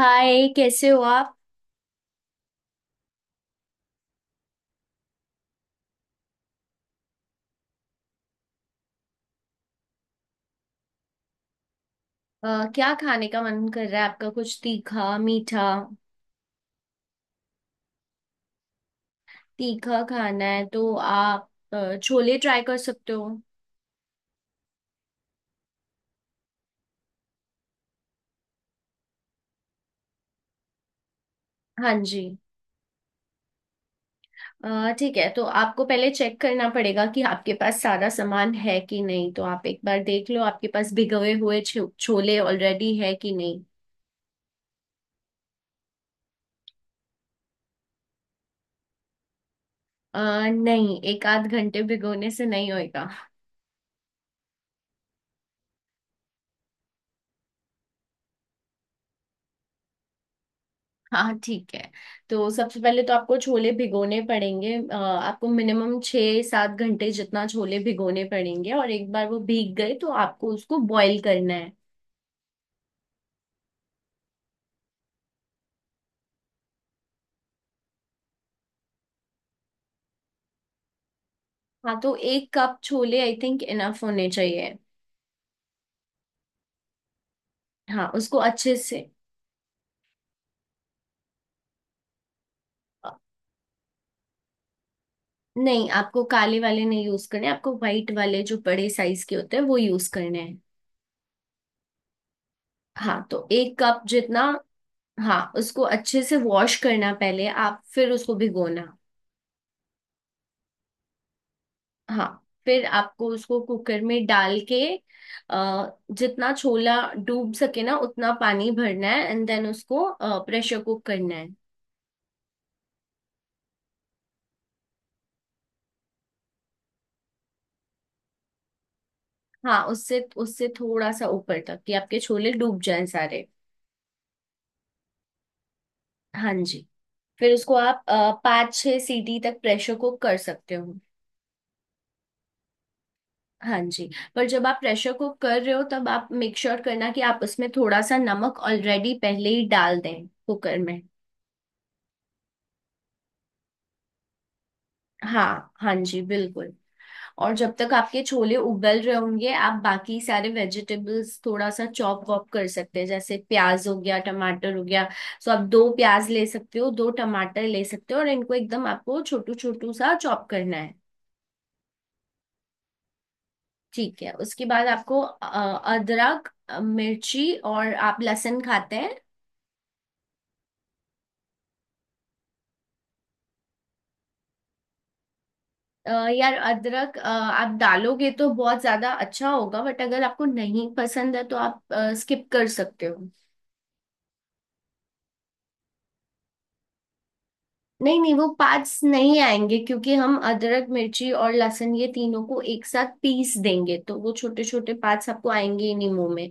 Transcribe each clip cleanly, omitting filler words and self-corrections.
हाय, कैसे हो आप? अ, क्या खाने का मन कर रहा है आपका? कुछ तीखा मीठा? तीखा खाना है तो आप छोले ट्राई कर सकते हो। हाँ जी। ठीक है, तो आपको पहले चेक करना पड़ेगा कि आपके पास सारा सामान है कि नहीं। तो आप एक बार देख लो आपके पास भिगोए हुए छोले ऑलरेडी है कि नहीं। अ, नहीं, एक आध घंटे भिगोने से नहीं होएगा। हाँ, ठीक है। तो सबसे पहले तो आपको छोले भिगोने पड़ेंगे। आपको मिनिमम 6-7 घंटे जितना छोले भिगोने पड़ेंगे और एक बार वो भीग गए तो आपको उसको बॉईल करना है। हाँ, तो 1 cup chole I think enough होने चाहिए। हाँ, उसको अच्छे से। नहीं, आपको काले वाले नहीं यूज करने, आपको व्हाइट वाले जो बड़े साइज के होते हैं वो यूज करने हैं। हाँ, तो 1 कप जितना। हाँ, उसको अच्छे से वॉश करना पहले आप, फिर उसको भिगोना। हाँ, फिर आपको उसको कुकर में डाल के अ, जितना छोला डूब सके ना उतना पानी भरना है, एंड देन उसको प्रेशर कुक करना है। हाँ, उससे उससे थोड़ा सा ऊपर तक कि आपके छोले डूब जाएं सारे। हाँ जी। फिर उसको आप 5-6 सीटी तक प्रेशर कुक कर सकते हो। हाँ जी। पर जब आप प्रेशर कुक कर रहे हो तब आप मेक श्योर करना कि आप उसमें थोड़ा सा नमक ऑलरेडी पहले ही डाल दें कुकर में। हाँ हाँ जी, बिल्कुल। और जब तक आपके छोले उबल रहे होंगे आप बाकी सारे वेजिटेबल्स थोड़ा सा चॉप वॉप कर सकते हैं, जैसे प्याज हो गया, टमाटर हो गया। सो आप दो प्याज ले सकते हो, दो टमाटर ले सकते हो और इनको एकदम आपको छोटू छोटू सा चॉप करना है। ठीक है, उसके बाद आपको अदरक, मिर्ची और आप लहसुन खाते हैं? यार अदरक आप डालोगे तो बहुत ज्यादा अच्छा होगा, बट अगर आपको नहीं पसंद है तो आप स्किप कर सकते हो। नहीं नहीं, वो पार्ट्स नहीं आएंगे क्योंकि हम अदरक मिर्ची और लहसुन, ये तीनों को एक साथ पीस देंगे, तो वो छोटे छोटे पार्ट्स आपको आएंगे ही नहीं मुंह में।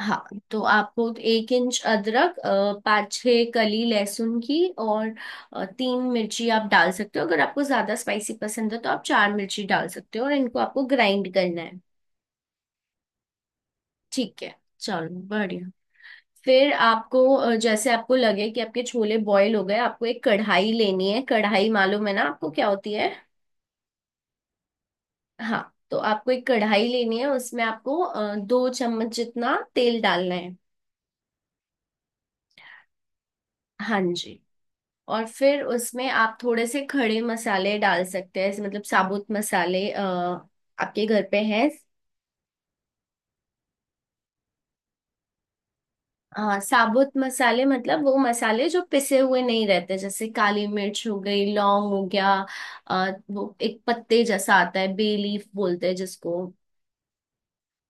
हाँ, तो आपको 1 इंच अदरक, पाँच छः कली लहसुन की और तीन मिर्ची आप डाल सकते हो। अगर आपको ज्यादा स्पाइसी पसंद है तो आप चार मिर्ची डाल सकते हो और इनको आपको ग्राइंड करना है। ठीक है, चलो बढ़िया। फिर आपको जैसे आपको लगे कि आपके छोले बॉईल हो गए, आपको एक कढ़ाई लेनी है। कढ़ाई मालूम है ना आपको क्या होती है? हाँ, तो आपको एक कढ़ाई लेनी है, उसमें आपको 2 चम्मच जितना तेल डालना है। हाँ जी। और फिर उसमें आप थोड़े से खड़े मसाले डाल सकते हैं, ऐसे मतलब साबुत मसाले। आपके घर पे हैं? हाँ, साबुत मसाले मतलब वो मसाले जो पिसे हुए नहीं रहते, जैसे काली मिर्च हो गई, लौंग हो गया, वो एक पत्ते जैसा आता है, बे लीफ बोलते हैं जिसको।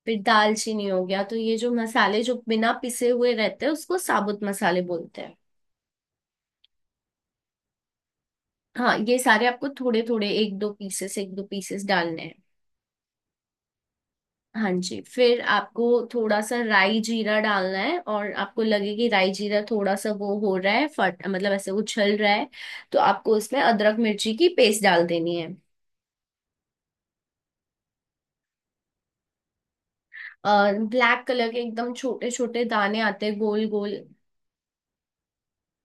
फिर दालचीनी हो गया। तो ये जो मसाले जो बिना पिसे हुए रहते हैं उसको साबुत मसाले बोलते हैं। हाँ, ये सारे आपको थोड़े थोड़े एक दो पीसेस डालने हैं। हाँ जी। फिर आपको थोड़ा सा राई जीरा डालना है और आपको लगे कि राई जीरा थोड़ा सा वो हो रहा है फट, मतलब ऐसे उछल रहा है, तो आपको इसमें अदरक मिर्ची की पेस्ट डाल देनी है। और ब्लैक कलर के एकदम छोटे छोटे दाने आते हैं, गोल गोल।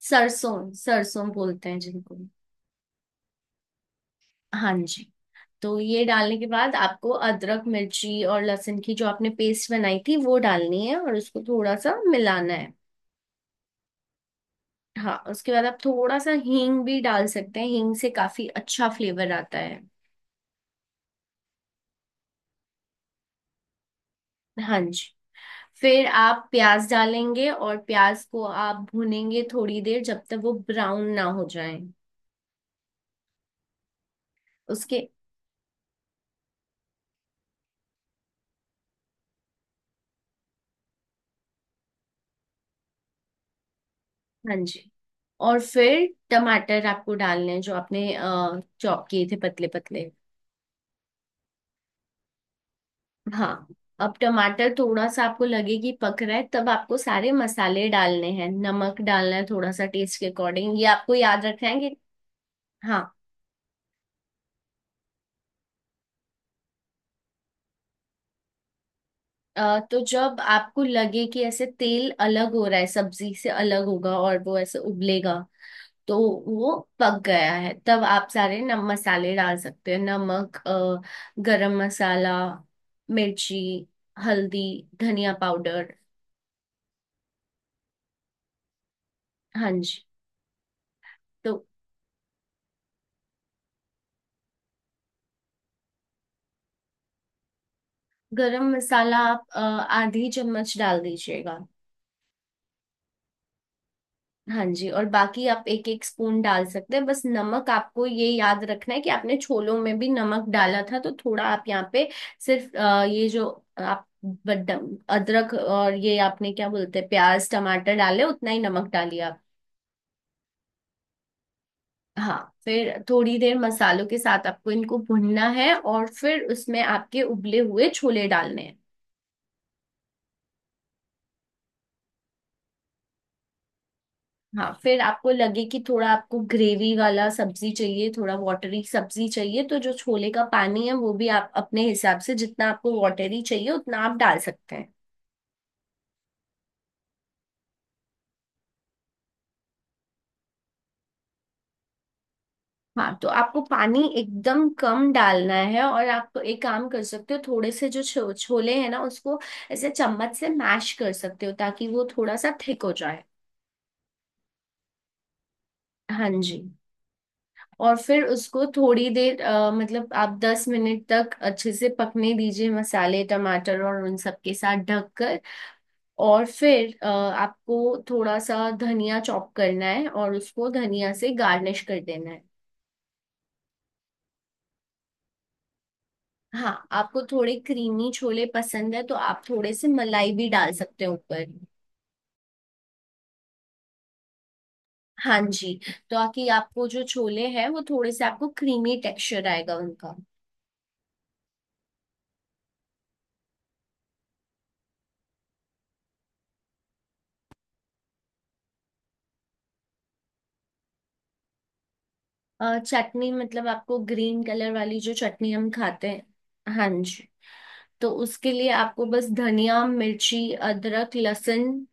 सरसों, सरसों बोलते हैं जिनको। हाँ जी। तो ये डालने के बाद आपको अदरक मिर्ची और लहसुन की जो आपने पेस्ट बनाई थी वो डालनी है और उसको थोड़ा सा मिलाना है। हाँ, उसके बाद आप थोड़ा सा हींग भी डाल सकते हैं। हींग से काफी अच्छा फ्लेवर आता है। हाँ जी। फिर आप प्याज डालेंगे और प्याज को आप भूनेंगे थोड़ी देर, जब तक वो ब्राउन ना हो जाए। उसके हाँ जी, और फिर टमाटर आपको डालने हैं जो आपने चॉप किए थे, पतले पतले। हाँ, अब टमाटर थोड़ा सा आपको लगे कि पक रहा है, तब आपको सारे मसाले डालने हैं, नमक डालना है थोड़ा सा टेस्ट के अकॉर्डिंग। ये आपको याद रखना है कि हाँ, तो जब आपको लगे कि ऐसे तेल अलग हो रहा है, सब्जी से अलग होगा और वो ऐसे उबलेगा, तो वो पक गया है। तब आप सारे नम मसाले डाल सकते हैं, नमक, गरम मसाला, मिर्ची, हल्दी, धनिया पाउडर। हाँ जी। तो गरम मसाला आप आधी चम्मच डाल दीजिएगा। हाँ जी। और बाकी आप एक एक स्पून डाल सकते हैं। बस नमक आपको ये याद रखना है कि आपने छोलों में भी नमक डाला था, तो थोड़ा आप यहाँ पे सिर्फ ये जो आप बदम अदरक और ये आपने क्या बोलते हैं, प्याज टमाटर डाले उतना ही नमक डालिए आप। हाँ, फिर थोड़ी देर मसालों के साथ आपको इनको भुनना है और फिर उसमें आपके उबले हुए छोले डालने हैं। हाँ, फिर आपको लगे कि थोड़ा आपको ग्रेवी वाला सब्जी चाहिए, थोड़ा वाटरी सब्जी चाहिए, तो जो छोले का पानी है वो भी आप अपने हिसाब से जितना आपको वाटरी चाहिए उतना आप डाल सकते हैं। हाँ, तो आपको पानी एकदम कम डालना है और आप एक काम कर सकते हो, थोड़े से जो छोले हैं ना उसको ऐसे चम्मच से मैश कर सकते हो ताकि वो थोड़ा सा थिक हो जाए। हाँ जी। और फिर उसको थोड़ी देर, मतलब आप 10 मिनट तक अच्छे से पकने दीजिए, मसाले टमाटर और उन सब के साथ ढककर। और फिर आपको थोड़ा सा धनिया चॉप करना है और उसको धनिया से गार्निश कर देना है। हाँ, आपको थोड़े क्रीमी छोले पसंद है तो आप थोड़े से मलाई भी डाल सकते हो ऊपर। हाँ जी। तो आकि आपको जो छोले हैं, वो थोड़े से आपको क्रीमी टेक्सचर आएगा उनका। चटनी मतलब आपको ग्रीन कलर वाली जो चटनी हम खाते हैं? हाँ जी। तो उसके लिए आपको बस धनिया, मिर्ची, अदरक, लहसुन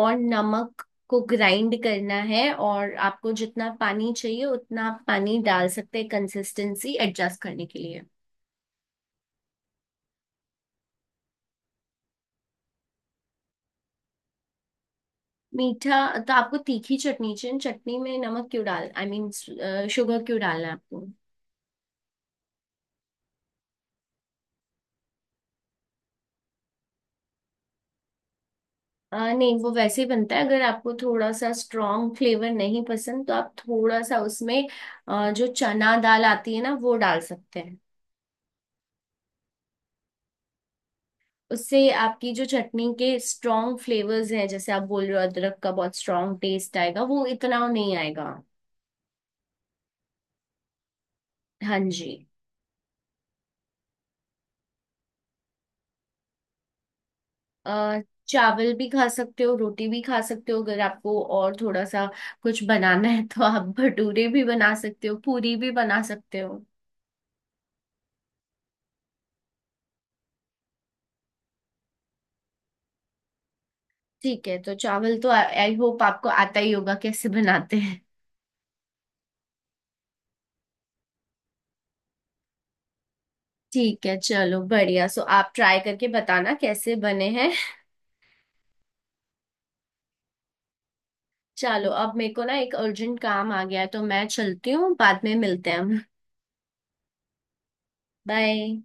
और नमक को ग्राइंड करना है, और आपको जितना पानी चाहिए उतना आप पानी डाल सकते हैं कंसिस्टेंसी एडजस्ट करने के लिए। मीठा? तो आपको तीखी चटनी चाहिए, चटनी में नमक क्यों डाल, आई मीन शुगर क्यों डालना है आपको? नहीं, वो वैसे ही बनता है। अगर आपको थोड़ा सा स्ट्रॉन्ग फ्लेवर नहीं पसंद तो आप थोड़ा सा उसमें जो चना दाल आती है ना वो डाल सकते हैं। उससे आपकी जो चटनी के स्ट्रॉन्ग फ्लेवर्स हैं, जैसे आप बोल रहे हो अदरक का बहुत स्ट्रॉन्ग टेस्ट आएगा, वो इतना नहीं आएगा। हाँ जी। अ, चावल भी खा सकते हो, रोटी भी खा सकते हो। अगर आपको और थोड़ा सा कुछ बनाना है तो आप भटूरे भी बना सकते हो, पूरी भी बना सकते हो। ठीक है, तो चावल तो आई होप आपको आता ही होगा कैसे बनाते हैं। ठीक है, चलो बढ़िया। सो आप ट्राई करके बताना कैसे बने हैं। चलो, अब मेरे को ना एक अर्जेंट काम आ गया है तो मैं चलती हूँ, बाद में मिलते हैं हम। बाय।